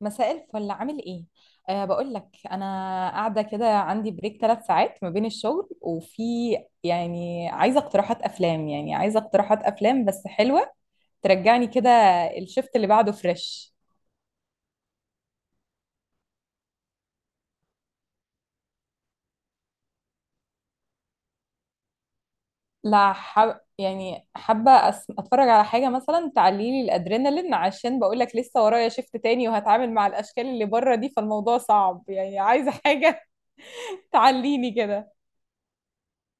مساء الفل، عامل ايه؟ أه، بقول لك انا قاعده كده، عندي بريك 3 ساعات ما بين الشغل، وفي، يعني عايزه اقتراحات افلام بس حلوه ترجعني كده، الشفت اللي بعده فريش. لا، حب، يعني حابه اتفرج على حاجه مثلا تعلي لي الادرينالين، عشان بقول لك لسه ورايا شفت تاني وهتعامل مع الاشكال اللي بره دي، فالموضوع صعب، يعني عايزه حاجه. تعليني كده،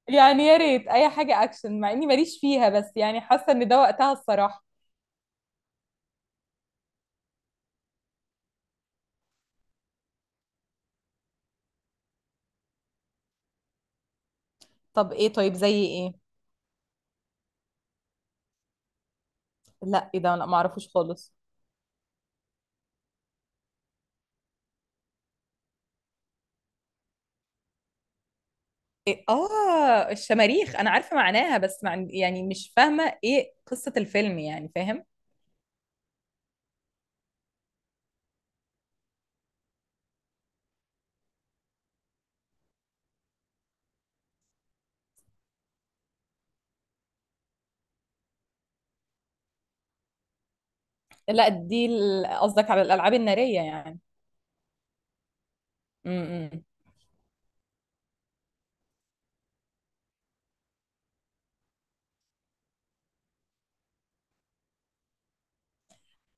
يعني يا ريت اي حاجه اكشن، مع اني ماليش فيها، بس يعني حاسه ان ده وقتها الصراحه. طب ايه؟ طيب زي ايه؟ لا ايه ده، لا ما اعرفوش خالص. إيه؟ اه، الشماريخ انا عارفه معناها، بس يعني مش فاهمه ايه قصه الفيلم، يعني فاهم. لا دي قصدك على الالعاب الناريه يعني. امم،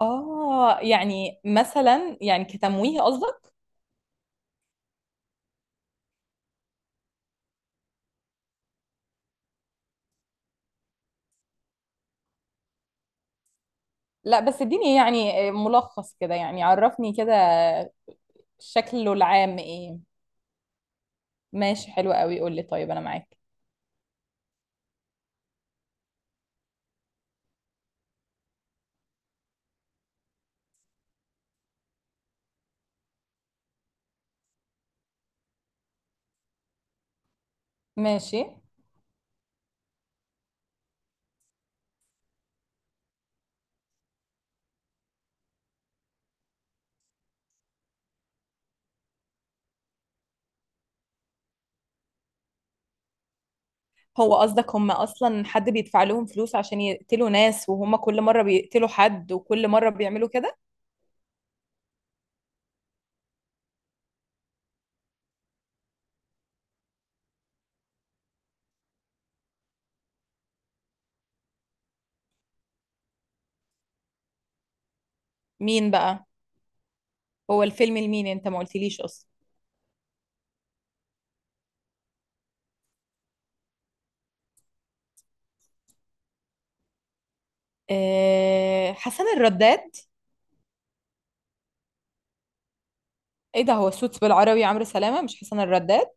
اه يعني مثلا يعني كتمويه قصدك. لا بس اديني يعني ملخص كده، يعني عرفني كده. شكله العام ايه؟ ماشي، حلو قوي، قول لي، طيب انا معاك. ماشي. هو قصدك هم اصلا حد بيدفع لهم فلوس عشان يقتلوا ناس، وهم كل مره بيقتلوا حد وكل مره بيعملوا كده؟ مين بقى؟ هو الفيلم لمين، انت ما قلتليش اصلا. أه، حسن الرداد. ايه ده، هو السوتس بالعربي عمرو سلامه مش حسن الرداد؟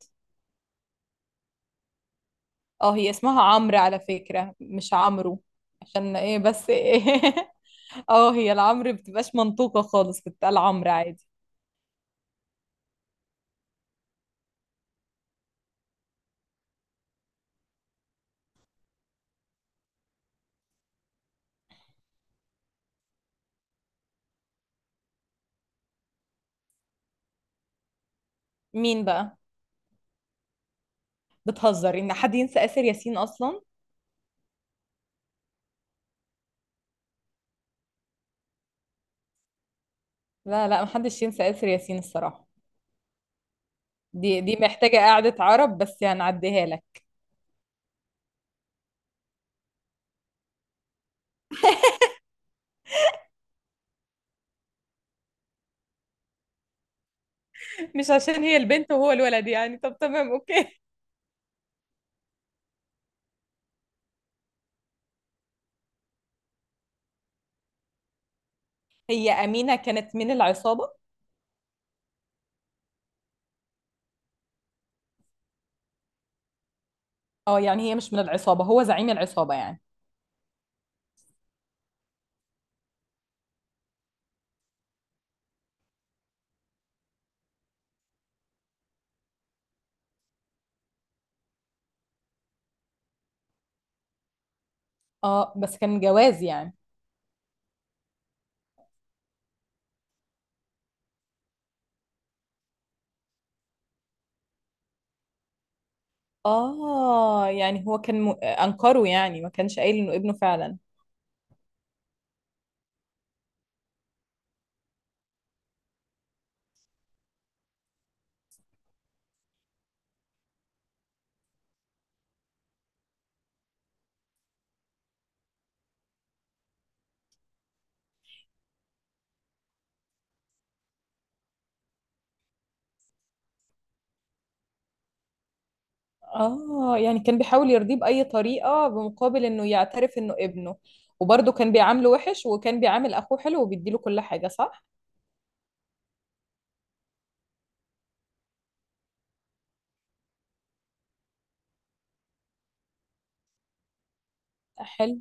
اه، هي اسمها عمرو على فكره، مش عمرو. عشان ايه بس إيه؟ اه، هي العمرو بتبقاش منطوقه خالص، بتتقال عمرو عادي. مين بقى؟ بتهزر ان حد ينسى آسر ياسين اصلا؟ لا لا، محدش ينسى آسر ياسين الصراحه. دي محتاجة قعدة عرب، بس هنعديها لك. مش عشان هي البنت وهو الولد يعني؟ طب تمام، اوكي. هي أمينة كانت من العصابة؟ اه يعني هي مش من العصابة، هو زعيم العصابة يعني. اه بس كان جواز يعني. اه يعني هو كان أنكره، يعني ما كانش قايل إنه ابنه فعلا. اه يعني كان بيحاول يرضيه بأي طريقة بمقابل إنه يعترف إنه ابنه، وبرضه كان بيعامله وحش وكان بيعامل أخوه حلو وبيديله كل حاجة، صح؟ حلو.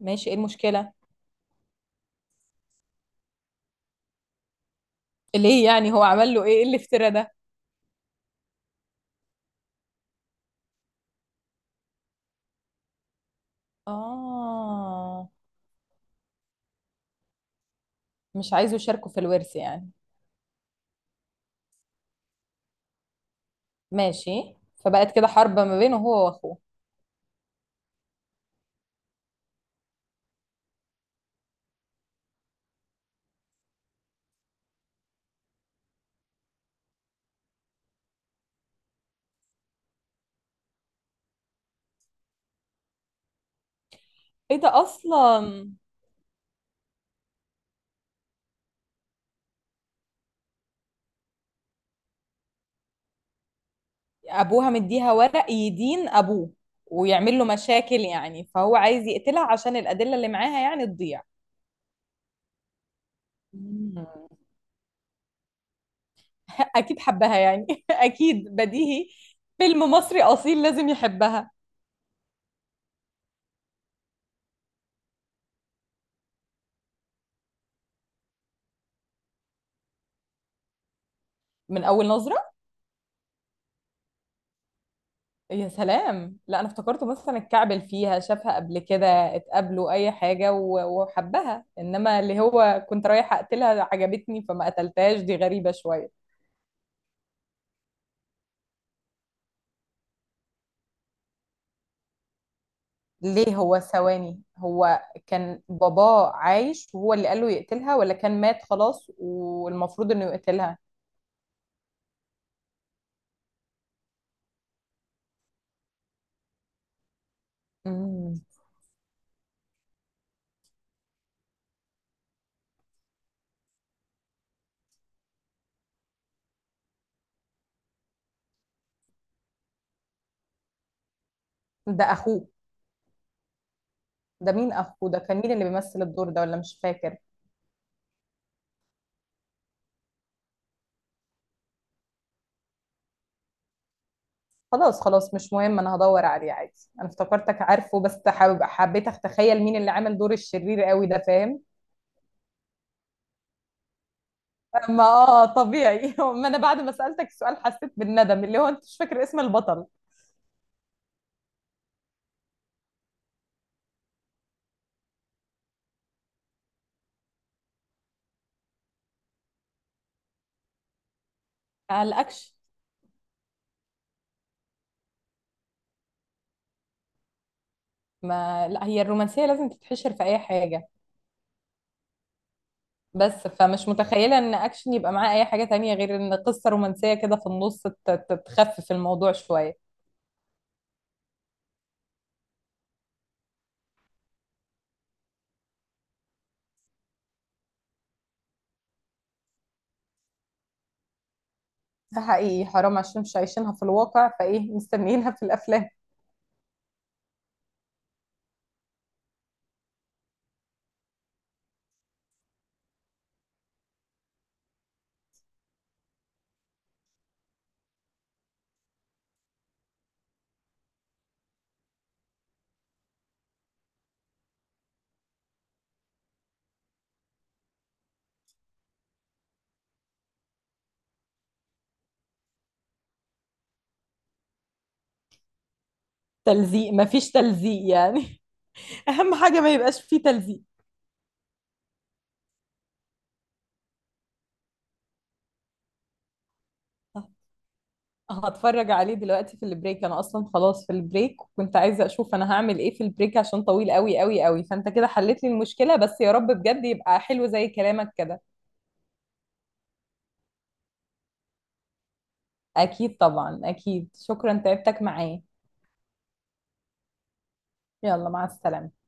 ماشي، ايه المشكلة؟ ليه يعني، هو عمل له ايه؟ ايه الافتراء ده؟ آه، مش عايزه يشاركوا في الورث يعني. ماشي، فبقت كده حرب ما بينه هو وأخوه. إيه ده أصلا؟ أبوها مديها ورق يدين أبوه ويعمل له مشاكل، يعني فهو عايز يقتلها عشان الأدلة اللي معاها يعني تضيع. مم. أكيد حبها يعني. أكيد، بديهي. فيلم مصري أصيل، لازم يحبها. من أول نظرة؟ يا سلام، لا انا افتكرته مثلا اتكعبل فيها، شافها قبل كده، اتقابلوا اي حاجه وحبها، انما اللي هو كنت رايحه اقتلها عجبتني فما قتلتهاش، دي غريبه شويه. ليه، هو ثواني، هو كان باباه عايش وهو اللي قال له يقتلها، ولا كان مات خلاص والمفروض انه يقتلها؟ امم. ده اخوه؟ ده مين اخوه، ده كان مين اللي بيمثل الدور ده، ولا مش فاكر؟ خلاص خلاص مش مهم، انا هدور عليه عادي، انا افتكرتك عارفه، بس حابب حبيت اتخيل مين اللي عامل دور الشرير قوي ده، فاهم؟ ما اه، طبيعي. ما انا بعد ما سألتك السؤال حسيت بالندم، اللي هو انت مش فاكر اسم البطل. قلقكش. ما لا، هي الرومانسية لازم تتحشر في اي حاجة. بس فمش متخيلة ان اكشن يبقى معاه اي حاجة تانية، غير ان قصة رومانسية كده في النص تخفف الموضوع شوية. ده حقيقي، حرام، عشان مش عايشينها في الواقع، فايه مستنيينها في الافلام. تلزيق، مفيش تلزيق يعني. اهم حاجه ما يبقاش فيه تلزيق. هتفرج عليه دلوقتي في البريك، انا اصلا خلاص في البريك، وكنت عايزه اشوف انا هعمل ايه في البريك عشان طويل قوي قوي قوي، فانت كده حلت لي المشكله، بس يا رب بجد يبقى حلو زي كلامك كده. اكيد طبعا اكيد، شكرا، تعبتك معايا. يلا، مع السلامه.